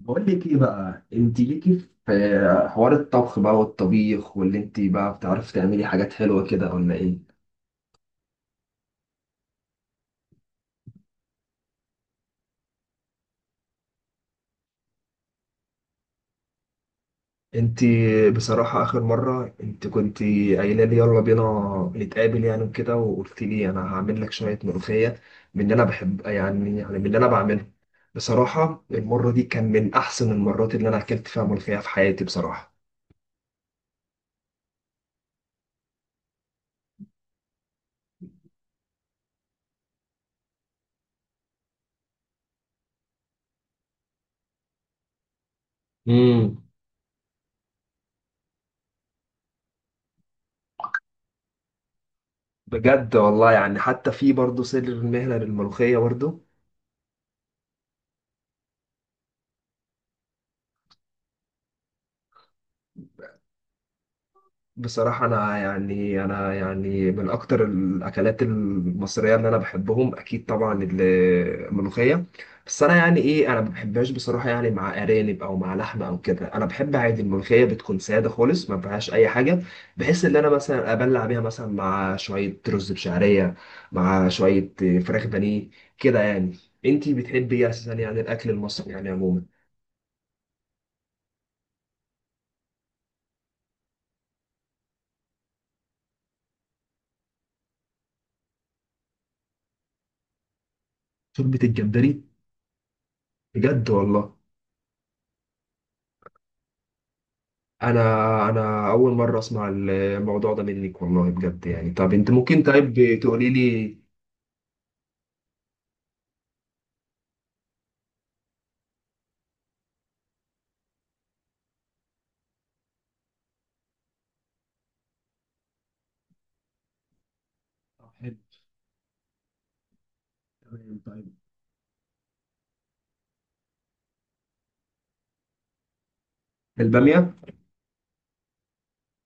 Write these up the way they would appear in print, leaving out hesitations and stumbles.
بقول لك ايه بقى؟ انت ليكي في حوار الطبخ بقى والطبيخ واللي انت بقى بتعرفي تعملي حاجات حلوه كده ولا ايه؟ انت بصراحه اخر مره انت كنت قايله لي يلا بينا نتقابل، يعني وكده، وقلت لي انا هعمل لك شويه ملوخيه من اللي انا بحب، يعني من اللي انا بعمله. بصراحه المره دي كان من احسن المرات اللي انا اكلت فيها ملوخيه في حياتي بصراحه. امم بجد والله يعني، حتى في برضه سر المهنه للملوخيه برضه. بصراحة أنا يعني أنا يعني من أكتر الأكلات المصرية اللي أنا بحبهم، أكيد طبعا الملوخية. بس أنا يعني إيه، أنا ما بحبهاش بصراحة، يعني مع أرانب أو مع لحمة أو كده. أنا بحب عادي الملوخية بتكون سادة خالص ما فيهاش أي حاجة، بحيث إن أنا مثلا أبلع بيها مثلا مع شوية رز بشعرية، مع شوية فراخ بانيه كده يعني. أنتي بتحبي إيه أساسا، يعني الأكل المصري يعني عموما؟ شوربة الجمبري؟ بجد والله؟ انا انا اول مره اسمع الموضوع ده منك والله، بجد يعني. طب انت ممكن طيب تقولي لي؟ طب حلو، تمام، طيب. الباميه؟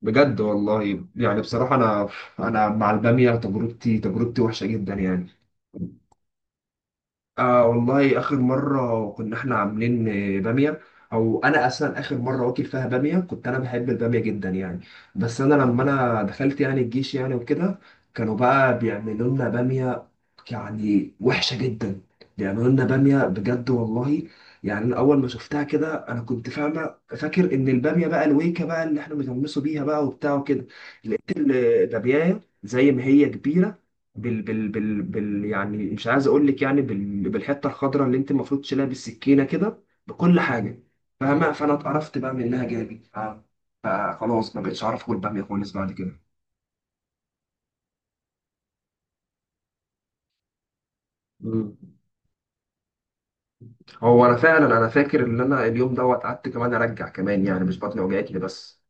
بجد والله يعني، بصراحه انا مع الباميه تجربتي تجربتي وحشه جدا يعني. آه والله آخر مرة كنا إحنا عاملين آه، بامية. أو أنا أصلا آخر مرة واكل فيها بامية، كنت أنا بحب البامية جدا يعني. بس أنا لما أنا دخلت يعني الجيش يعني وكده، كانوا بقى بيعملوا لنا بامية، يعني وحشة جدا. بيعملوا لنا بامية بجد والله. يعني أنا أول ما شفتها كده أنا كنت فاهمة فاكر إن البامية بقى الويكة بقى اللي إحنا بنغمسوا بيها بقى وبتاع وكده. لقيت البامية زي ما هي كبيرة بال، يعني مش عايز اقول لك، يعني بال بالحته الخضراء اللي انت المفروض تشيلها بالسكينه كده بكل حاجه، فاهمه. فانا اتقرفت بقى من انها جالي، فخلاص ما بقتش اعرف اكل باميه خالص بعد كده. مم. هو انا فعلا انا فاكر ان انا اليوم دوت قعدت كمان ارجع كمان، يعني مش بطني وجعتني بس.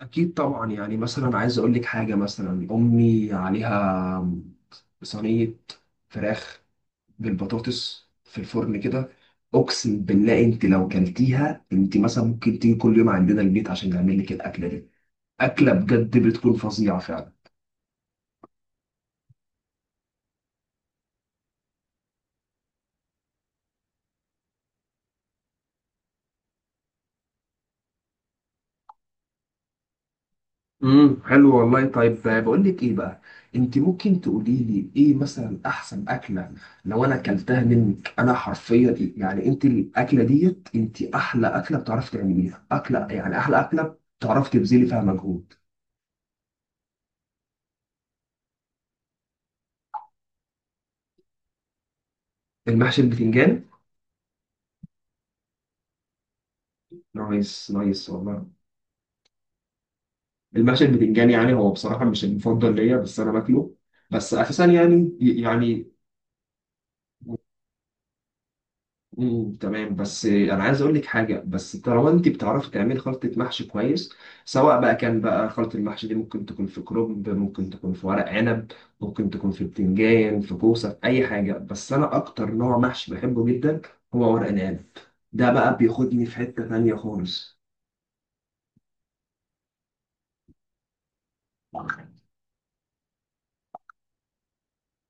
اكيد طبعا، يعني مثلا عايز اقول لك حاجه، مثلا امي عليها صينيه فراخ بالبطاطس في الفرن كده، اقسم بالله انت لو كلتيها، انت مثلا ممكن تيجي كل يوم عندنا البيت عشان نعمل لك الاكله دي. اكله بجد بتكون فظيعه فعلا. حلو والله، طيب بقول لك ايه بقى، انت ممكن تقولي لي ايه مثلا احسن اكله لو انا اكلتها منك، انا حرفيا إيه، يعني انت الاكله ديت انت احلى اكله بتعرفي تعمليها، اكله يعني احلى اكله بتعرفي تبذلي فيها مجهود؟ المحشي البتنجان؟ نايس نايس والله. المحشي البتنجان يعني هو بصراحة مش المفضل ليا، بس أنا باكله، بس أساسا يعني. مم، تمام، بس أنا عايز أقول لك حاجة، بس طالما أنت بتعرفي تعملي خلطة محشي كويس، سواء بقى كان بقى خلطة المحشي دي ممكن تكون في كرنب، ممكن تكون في ورق عنب، ممكن تكون في بتنجان، في كوسة، في أي حاجة. بس أنا أكتر نوع محشي بحبه جدا هو ورق العنب. ده بقى بياخدني في حتة تانية خالص.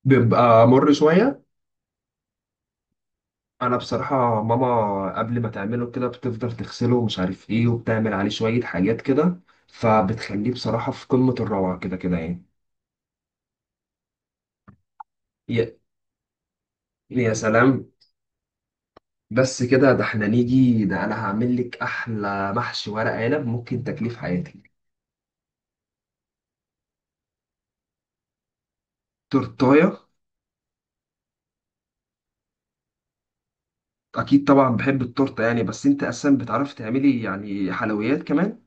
بيبقى مر شوية. انا بصراحه ماما قبل ما تعمله كده بتفضل تغسله ومش عارف ايه، وبتعمل عليه شويه حاجات كده، فبتخليه بصراحه في قمه الروعه كده كده يعني. يا يا سلام. بس كده، ده احنا نيجي، ده انا هعمل لك احلى محشي ورق عنب ممكن تاكليه في حياتك. تورتايه؟ اكيد طبعا بحب التورته يعني، بس انت اساسا بتعرفي تعملي يعني حلويات كمان؟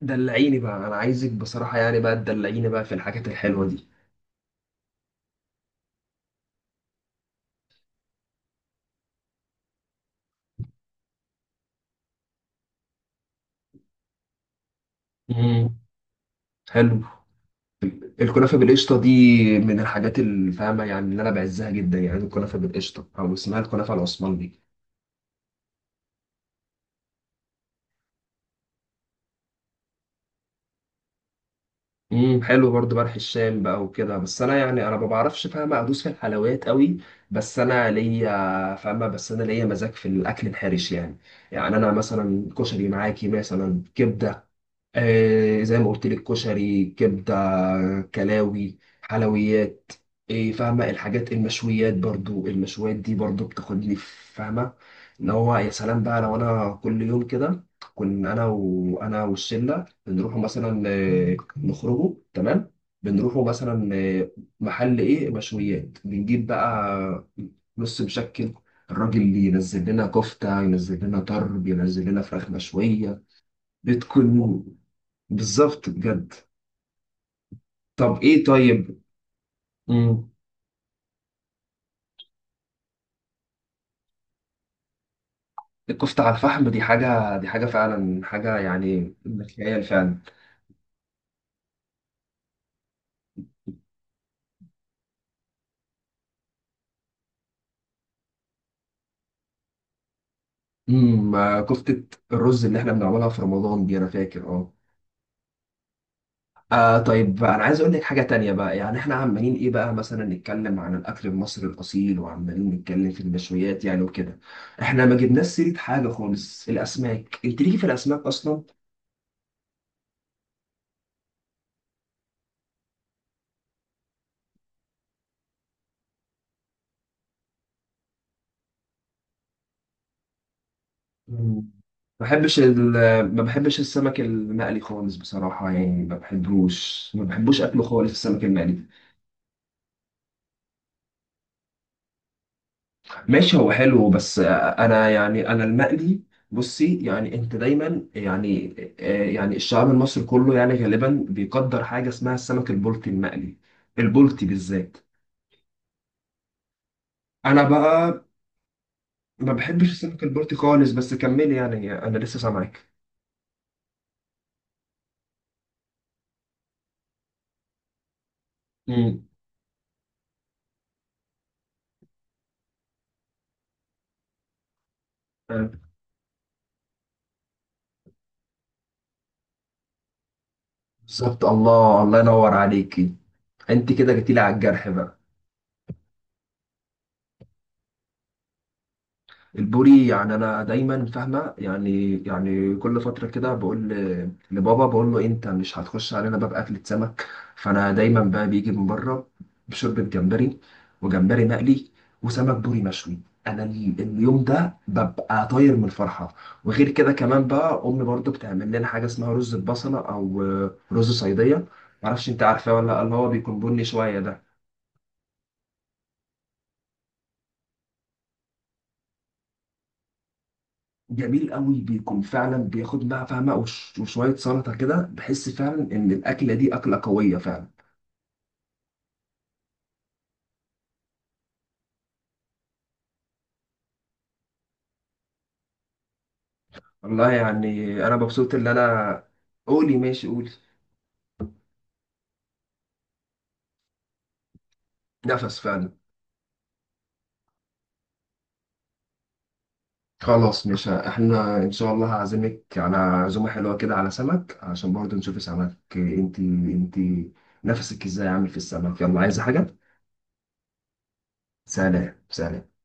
دلعيني بقى، انا عايزك بصراحه يعني بقى تدلعيني بقى في الحاجات الحلوه دي. امم حلو. الكنافة بالقشطة دي من الحاجات الفاهمة يعني، اللي أنا بعزها جدا يعني، الكنافة بالقشطة أو اسمها الكنافة العثماني. حلو برضو، بلح الشام بقى وكده. بس أنا يعني أنا ما بعرفش فاهمة أدوس في الحلويات قوي، بس أنا ليا فاهمة، بس أنا ليا مزاج في الأكل الحرش يعني. يعني أنا مثلا كشري، معاكي مثلا كبدة، آه زي ما قلت لك، كشري، كبدة، كلاوي، حلويات، إيه، فاهمة. الحاجات المشويات برضو، المشويات دي برضو بتاخدني فاهمة. ان هو يا سلام بقى لو انا كل يوم كده، كنا انا والشلة بنروحوا مثلا آه، نخرجوا تمام، بنروحوا مثلا آه، محل ايه مشويات، بنجيب بقى نص مشكل. الراجل اللي ينزل لنا كفتة، ينزل لنا طرب، ينزل لنا فراخ مشوية، بتكون بالظبط بجد. طب ايه طيب. امم الكفتة على الفحم دي حاجة، دي حاجة فعلا، حاجة يعني. خيال فعلا. آه، كفتة الرز اللي احنا بنعملها في رمضان دي انا فاكر اه. آه طيب، انا عايز اقول لك حاجة تانية بقى، يعني احنا عمالين ايه بقى مثلا؟ نتكلم عن الاكل المصري الاصيل، وعمالين نتكلم في المشويات يعني وكده، احنا ما جبناش سيرة حاجة خالص، الاسماك. انت ليكي في الاسماك اصلا؟ مم. ما بحبش ال... ما بحبش السمك المقلي خالص بصراحة يعني، ما بحبوش أكله خالص السمك المقلي. ماشي، هو حلو، بس أنا يعني أنا المقلي، بصي يعني أنت دايما يعني آه، يعني الشعب المصري كله يعني غالبا بيقدر حاجة اسمها السمك البلطي المقلي، البلطي بالذات. أنا بقى ما بحبش السمك البلطي خالص، بس كملي يعني أنا لسه سامعك. مم. آه، بالظبط، الله الله ينور عليكي. أنت كده جيتيلي على الجرح بقى. البوري يعني انا دايما فاهمه يعني كل فتره كده بقول لبابا، بقول له انت مش هتخش علينا باب اكله سمك؟ فانا دايما بقى بيجي من بره بشوربه جمبري، وجمبري مقلي، وسمك بوري مشوي، انا اليوم ده ببقى طاير من الفرحه. وغير كده كمان بقى امي برضو بتعمل لنا حاجه اسمها رز البصله، او آه، رز صيديه. معرفش انت عارفاه ولا لأ، اللي هو بيكون بني شويه ده. جميل قوي، بيكون فعلا بياخد بقى فاهمه وشويه سلطه كده، بحس فعلا ان الاكله دي اكله قويه فعلا. والله يعني انا مبسوط ان انا، قولي ماشي، قولي. نفس فعلا. خلاص، مش احنا ان شاء الله هعزمك على عزومه حلوه كده على سمك، عشان برضه نشوف سمك، انت نفسك ازاي عامل في السمك. يلا عايزه حاجه؟ سلام سلام.